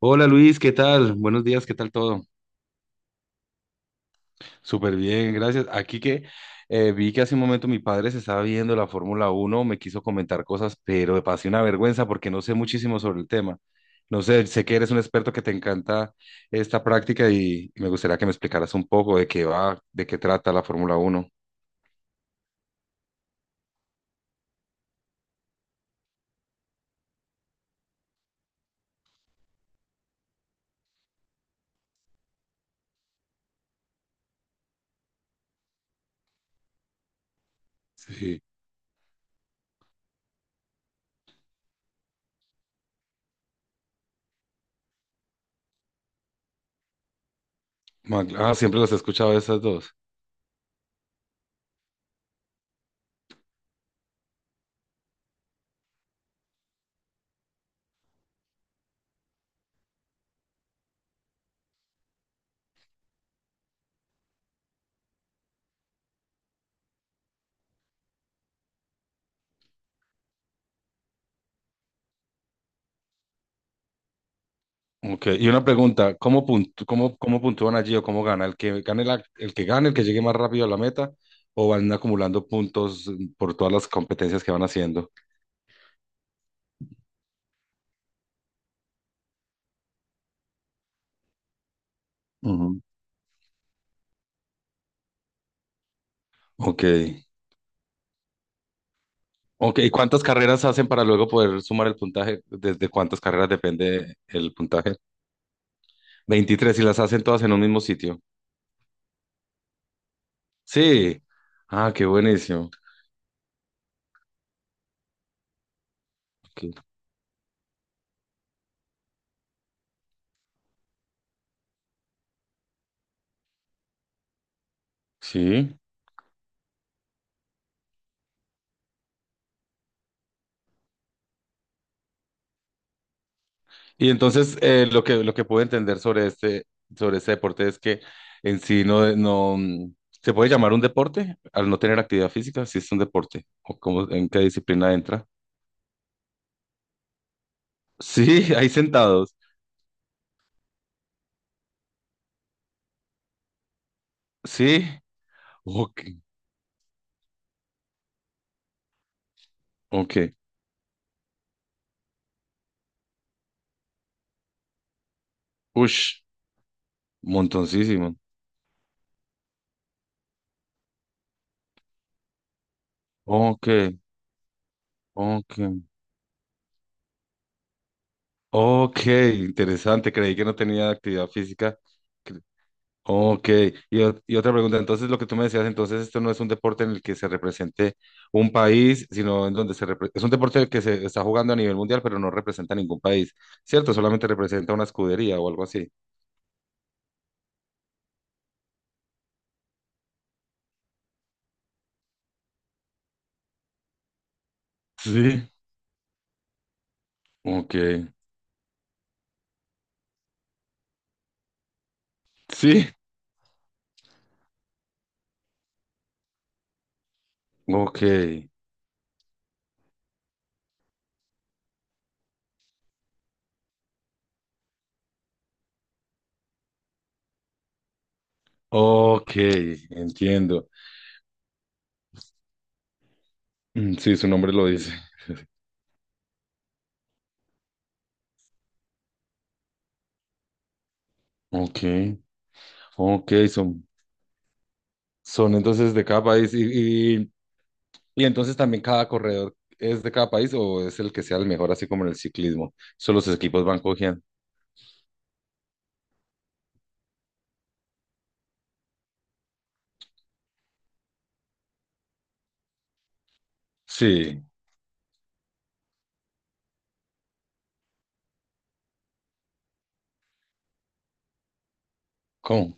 Hola Luis, ¿qué tal? Buenos días, ¿qué tal todo? Súper bien, gracias. Aquí que vi que hace un momento mi padre se estaba viendo la Fórmula Uno, me quiso comentar cosas, pero me pasé una vergüenza porque no sé muchísimo sobre el tema. No sé, sé que eres un experto que te encanta esta práctica y me gustaría que me explicaras un poco de qué va, de qué trata la Fórmula Uno. Sí. Ah, siempre los he escuchado esas dos. Ok, y una pregunta, ¿cómo puntúan allí o cómo gana? ¿El que gane, el que llegue más rápido a la meta o van acumulando puntos por todas las competencias que van haciendo? Ujú. Ok, ok, ¿y cuántas carreras hacen para luego poder sumar el puntaje? ¿Desde cuántas carreras depende el puntaje? 23. Y las hacen todas en un mismo sitio. Sí. Ah, qué buenísimo. Ok. Sí. Y entonces lo que puedo entender sobre sobre este deporte es que en sí no, se puede llamar un deporte al no tener actividad física, si es un deporte, o cómo, en qué disciplina entra. Sí, ahí sentados. Sí. Ok, ok. Ush, montoncísimo. Ok, ok. Ok, interesante. Creí que no tenía actividad física. Ok, y otra pregunta, entonces lo que tú me decías, entonces esto no es un deporte en el que se represente un país, sino en donde es un deporte que se está jugando a nivel mundial, pero no representa ningún país, ¿cierto? Solamente representa una escudería o algo así. Sí. Ok, sí, ok, ok, entiendo. Mm, sí, su nombre lo dice. Ok, ok, son, son entonces de cada país. Y entonces también cada corredor es de cada país o es el que sea el mejor, así como en el ciclismo. Solo los equipos van cogiendo. Sí, ¿cómo?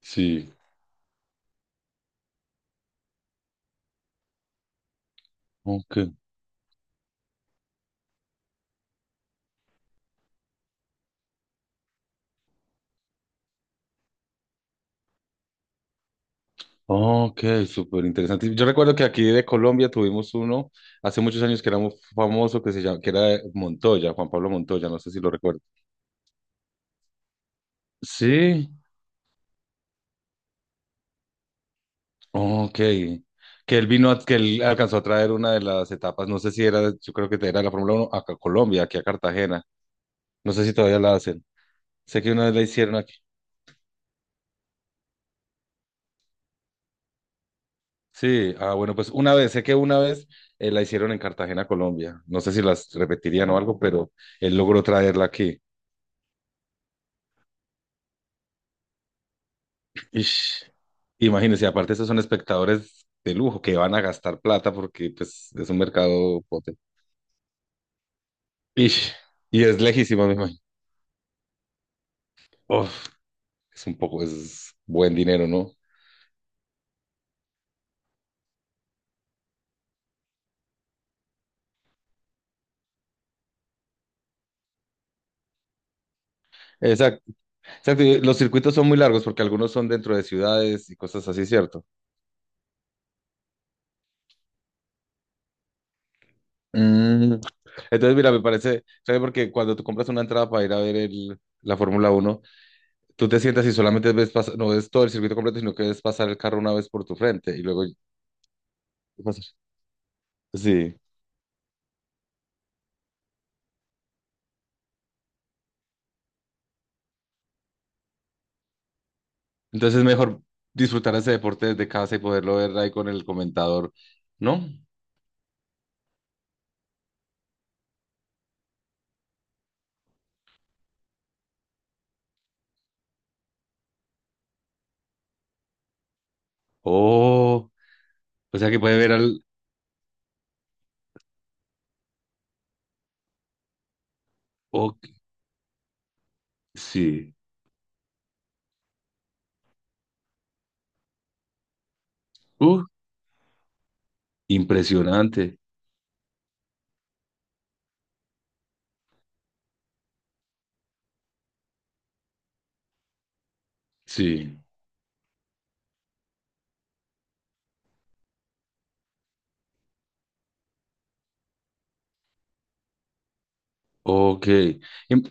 Sí, ok. Ok, súper interesante. Yo recuerdo que aquí de Colombia tuvimos uno hace muchos años que era muy famoso, que se llama, que era de Montoya, Juan Pablo Montoya, no sé si lo recuerdo. Sí, ok. Que él vino, que él alcanzó a traer una de las etapas, no sé si era, yo creo que era la Fórmula uno acá a Colombia, aquí a Cartagena. No sé si todavía la hacen. Sé que una vez la hicieron. Sí, ah, bueno, pues una vez, sé que una vez la hicieron en Cartagena, Colombia. No sé si las repetirían o algo, pero él logró traerla aquí. Ish. Imagínense, aparte esos son espectadores de lujo que van a gastar plata porque pues es un mercado potente. Ish. Y es lejísimo, me imagino. Uf, es un poco, es buen dinero, ¿no? Exacto, exacto. Y los circuitos son muy largos porque algunos son dentro de ciudades y cosas así, ¿cierto? Mm. Entonces, mira, me parece, ¿sabes? Porque cuando tú compras una entrada para ir a ver la Fórmula Uno, tú te sientas y solamente no ves todo el circuito completo, sino que ves pasar el carro una vez por tu frente y luego pasar. Sí. Entonces es mejor disfrutar ese deporte desde casa y poderlo ver ahí con el comentador, ¿no? Oh, o sea que puede ver al... Ok, sí. Uh, impresionante. Sí. Ok. Im-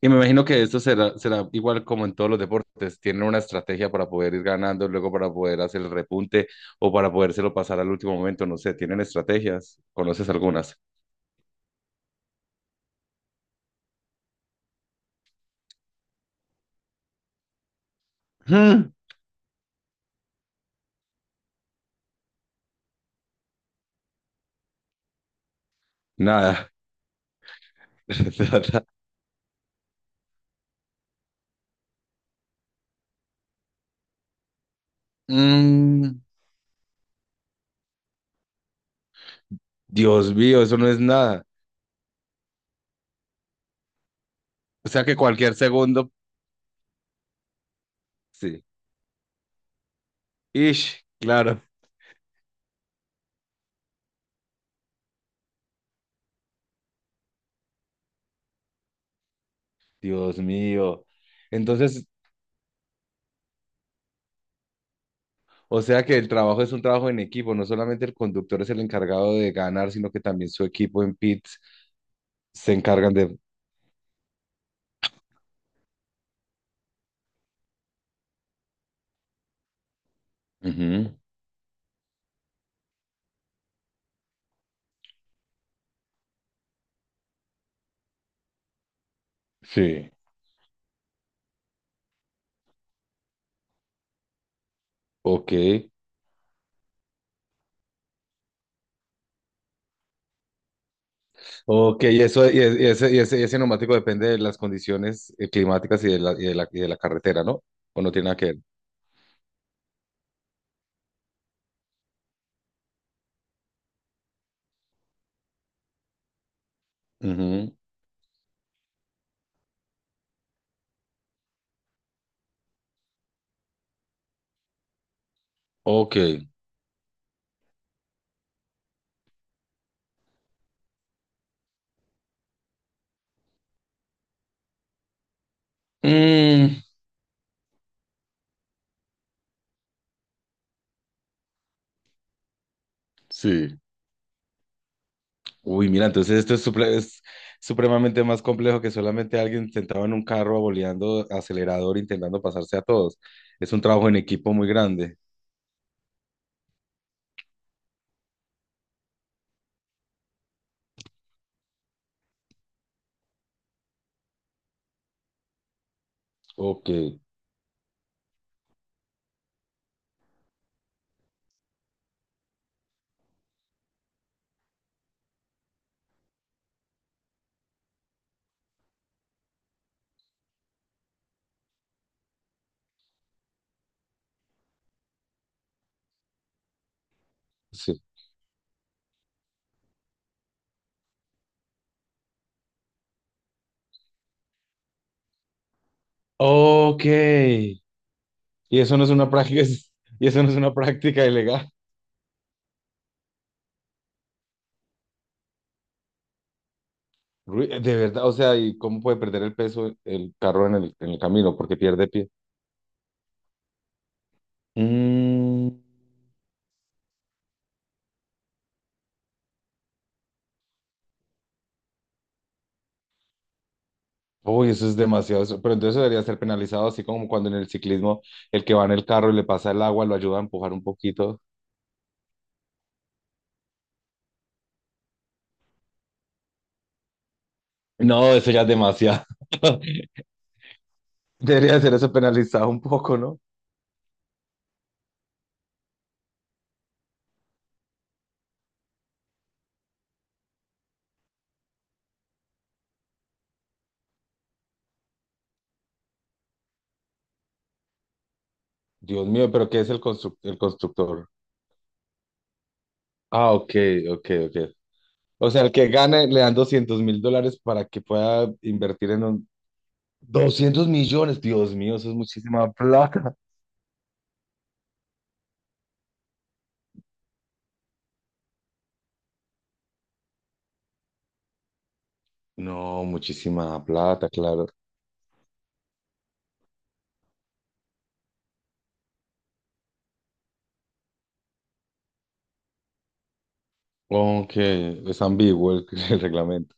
Y me imagino que esto será, será igual como en todos los deportes. Tienen una estrategia para poder ir ganando, luego para poder hacer el repunte o para podérselo pasar al último momento. No sé, tienen estrategias. ¿Conoces algunas? Mm. Nada. Mm, Dios mío, eso no es nada. O sea que cualquier segundo, sí. Ish, claro. Dios mío. Entonces, o sea que el trabajo es un trabajo en equipo. No solamente el conductor es el encargado de ganar, sino que también su equipo en pits se encargan de... Ujú. Sí, ok. Ok, y ese, y ese neumático depende de las condiciones climáticas y y de la carretera, ¿no? O no tiene nada que ver. Ujú. Ok. Mm, sí. Uy, mira, entonces es supremamente más complejo que solamente alguien sentado en un carro aboleando acelerador intentando pasarse a todos. Es un trabajo en equipo muy grande. Ok, sí. Ok. Y eso no es una práctica, y eso no es una práctica ilegal. De verdad, o sea, ¿y cómo puede perder el peso el carro en en el camino? Porque pierde pie. Mm, uy, eso es demasiado. Pero entonces debería ser penalizado, así como cuando en el ciclismo el que va en el carro y le pasa el agua, lo ayuda a empujar un poquito. No, eso ya es demasiado. Debería ser eso penalizado un poco, ¿no? Dios mío, pero ¿qué es el constructor? Ah, ok, ok, ok. O sea, el que gane le dan 200 mil dólares para que pueda invertir en un... 200 millones, Dios mío, eso es muchísima plata. No, muchísima plata, claro. Aunque es ambiguo el reglamento.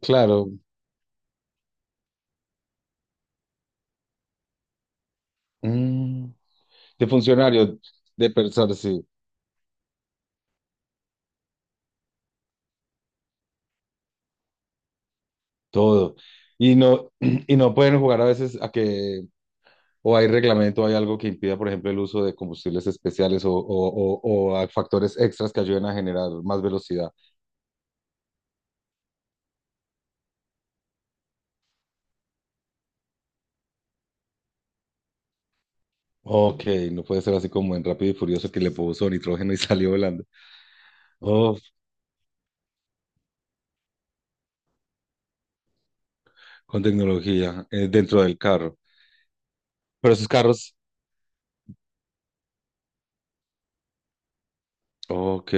Claro, mm, de funcionarios, de personas, sí, todo. Y no, y no pueden jugar a veces a que o hay reglamento, o hay algo que impida, por ejemplo, el uso de combustibles especiales o a factores extras que ayuden a generar más velocidad. Ok, no puede ser así como en Rápido y Furioso que le puso nitrógeno y salió volando. Oh, con tecnología dentro del carro. Pero esos carros, ok.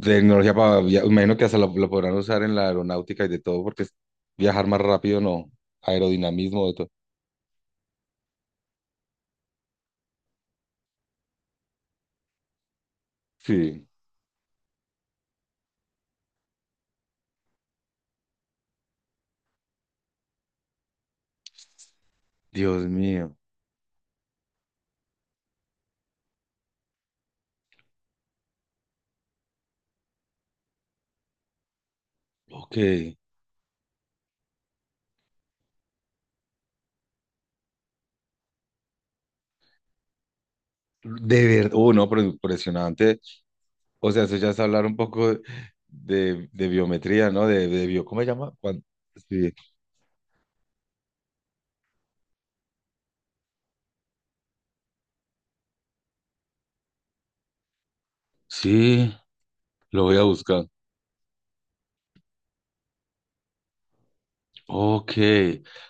Tecnología para, imagino que hasta lo podrán usar en la aeronáutica y de todo, viajar más rápido, no. Aerodinamismo, de todo. Sí. Dios mío. Ok. De verdad. No, pero impresionante. O sea, eso ya es hablar un poco de biometría, ¿no? ¿Cómo se llama? Sí. Sí, lo voy a buscar. Ok,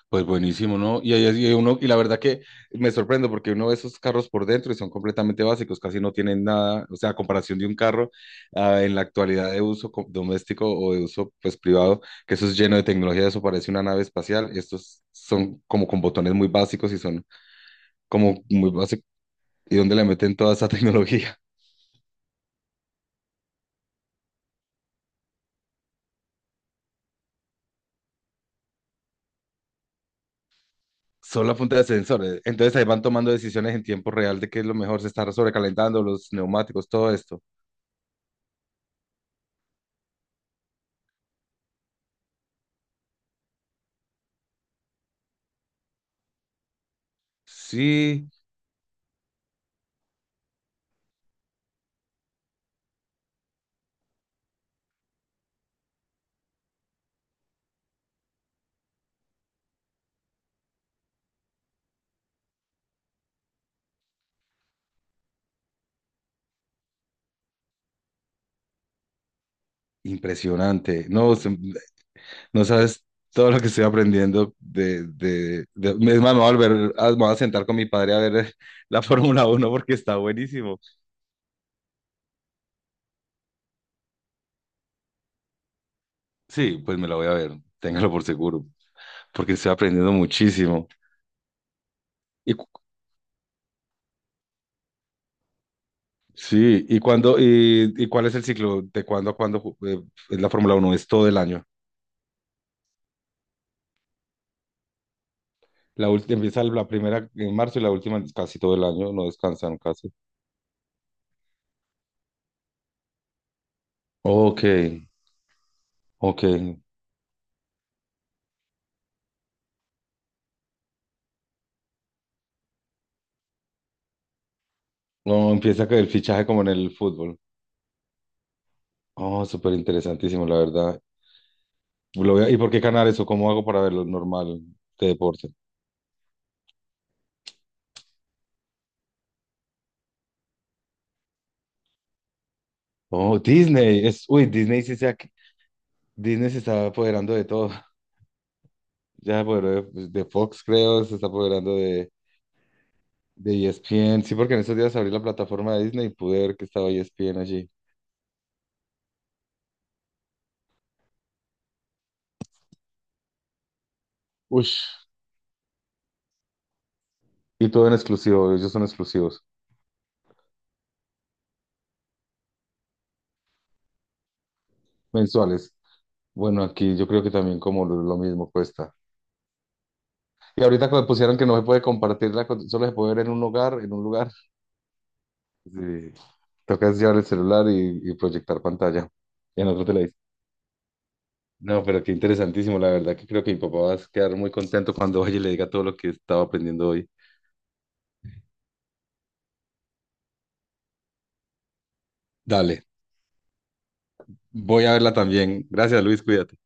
pues buenísimo, ¿no? Y uno, y la verdad que me sorprendo porque uno ve esos carros por dentro y son completamente básicos, casi no tienen nada, o sea, a comparación de un carro en la actualidad de doméstico o de uso pues privado, que eso es lleno de tecnología, eso parece una nave espacial, estos son como con botones muy básicos y son como muy básicos, ¿y dónde le meten toda esa tecnología? Solo a punta de sensores, entonces ahí van tomando decisiones en tiempo real de qué es lo mejor, se está sobrecalentando los neumáticos, todo esto. Sí. Impresionante. No, no sabes todo lo que estoy aprendiendo Es más, me voy a me voy a sentar con mi padre a ver la Fórmula Uno porque está buenísimo. Sí, pues me la voy a ver, téngalo por seguro, porque estoy aprendiendo muchísimo. Y, cu- sí, y cuál es el ciclo, de cuándo a cuándo es la Fórmula Uno? Es todo el año. La última empieza la primera en marzo y la última es casi todo el año, no descansan casi. Ok, ok. No, empieza que el fichaje como en el fútbol. Oh, súper interesantísimo, la verdad. ¿Y por qué canales o cómo hago para verlo normal de deporte? Oh, Disney. Uy, Disney sí Disney se está apoderando de todo. Ya se apoderó de, pues, de Fox, creo, se está apoderando de ESPN. Sí, porque en estos días abrí la plataforma de Disney y pude ver que estaba ESPN allí. Ush. Y todo en exclusivo, ellos son exclusivos, mensuales. Bueno, aquí yo creo que también como lo mismo cuesta. Y ahorita cuando pusieron que no se puede compartirla, solo se puede ver en un hogar, en un lugar. Sí. Tocas llevar el celular y proyectar pantalla. Y en otro televisor. No, pero qué interesantísimo. La verdad que creo que mi papá va a quedar muy contento cuando vaya y le diga todo lo que estaba aprendiendo hoy. Dale, voy a verla también. Gracias, Luis, cuídate.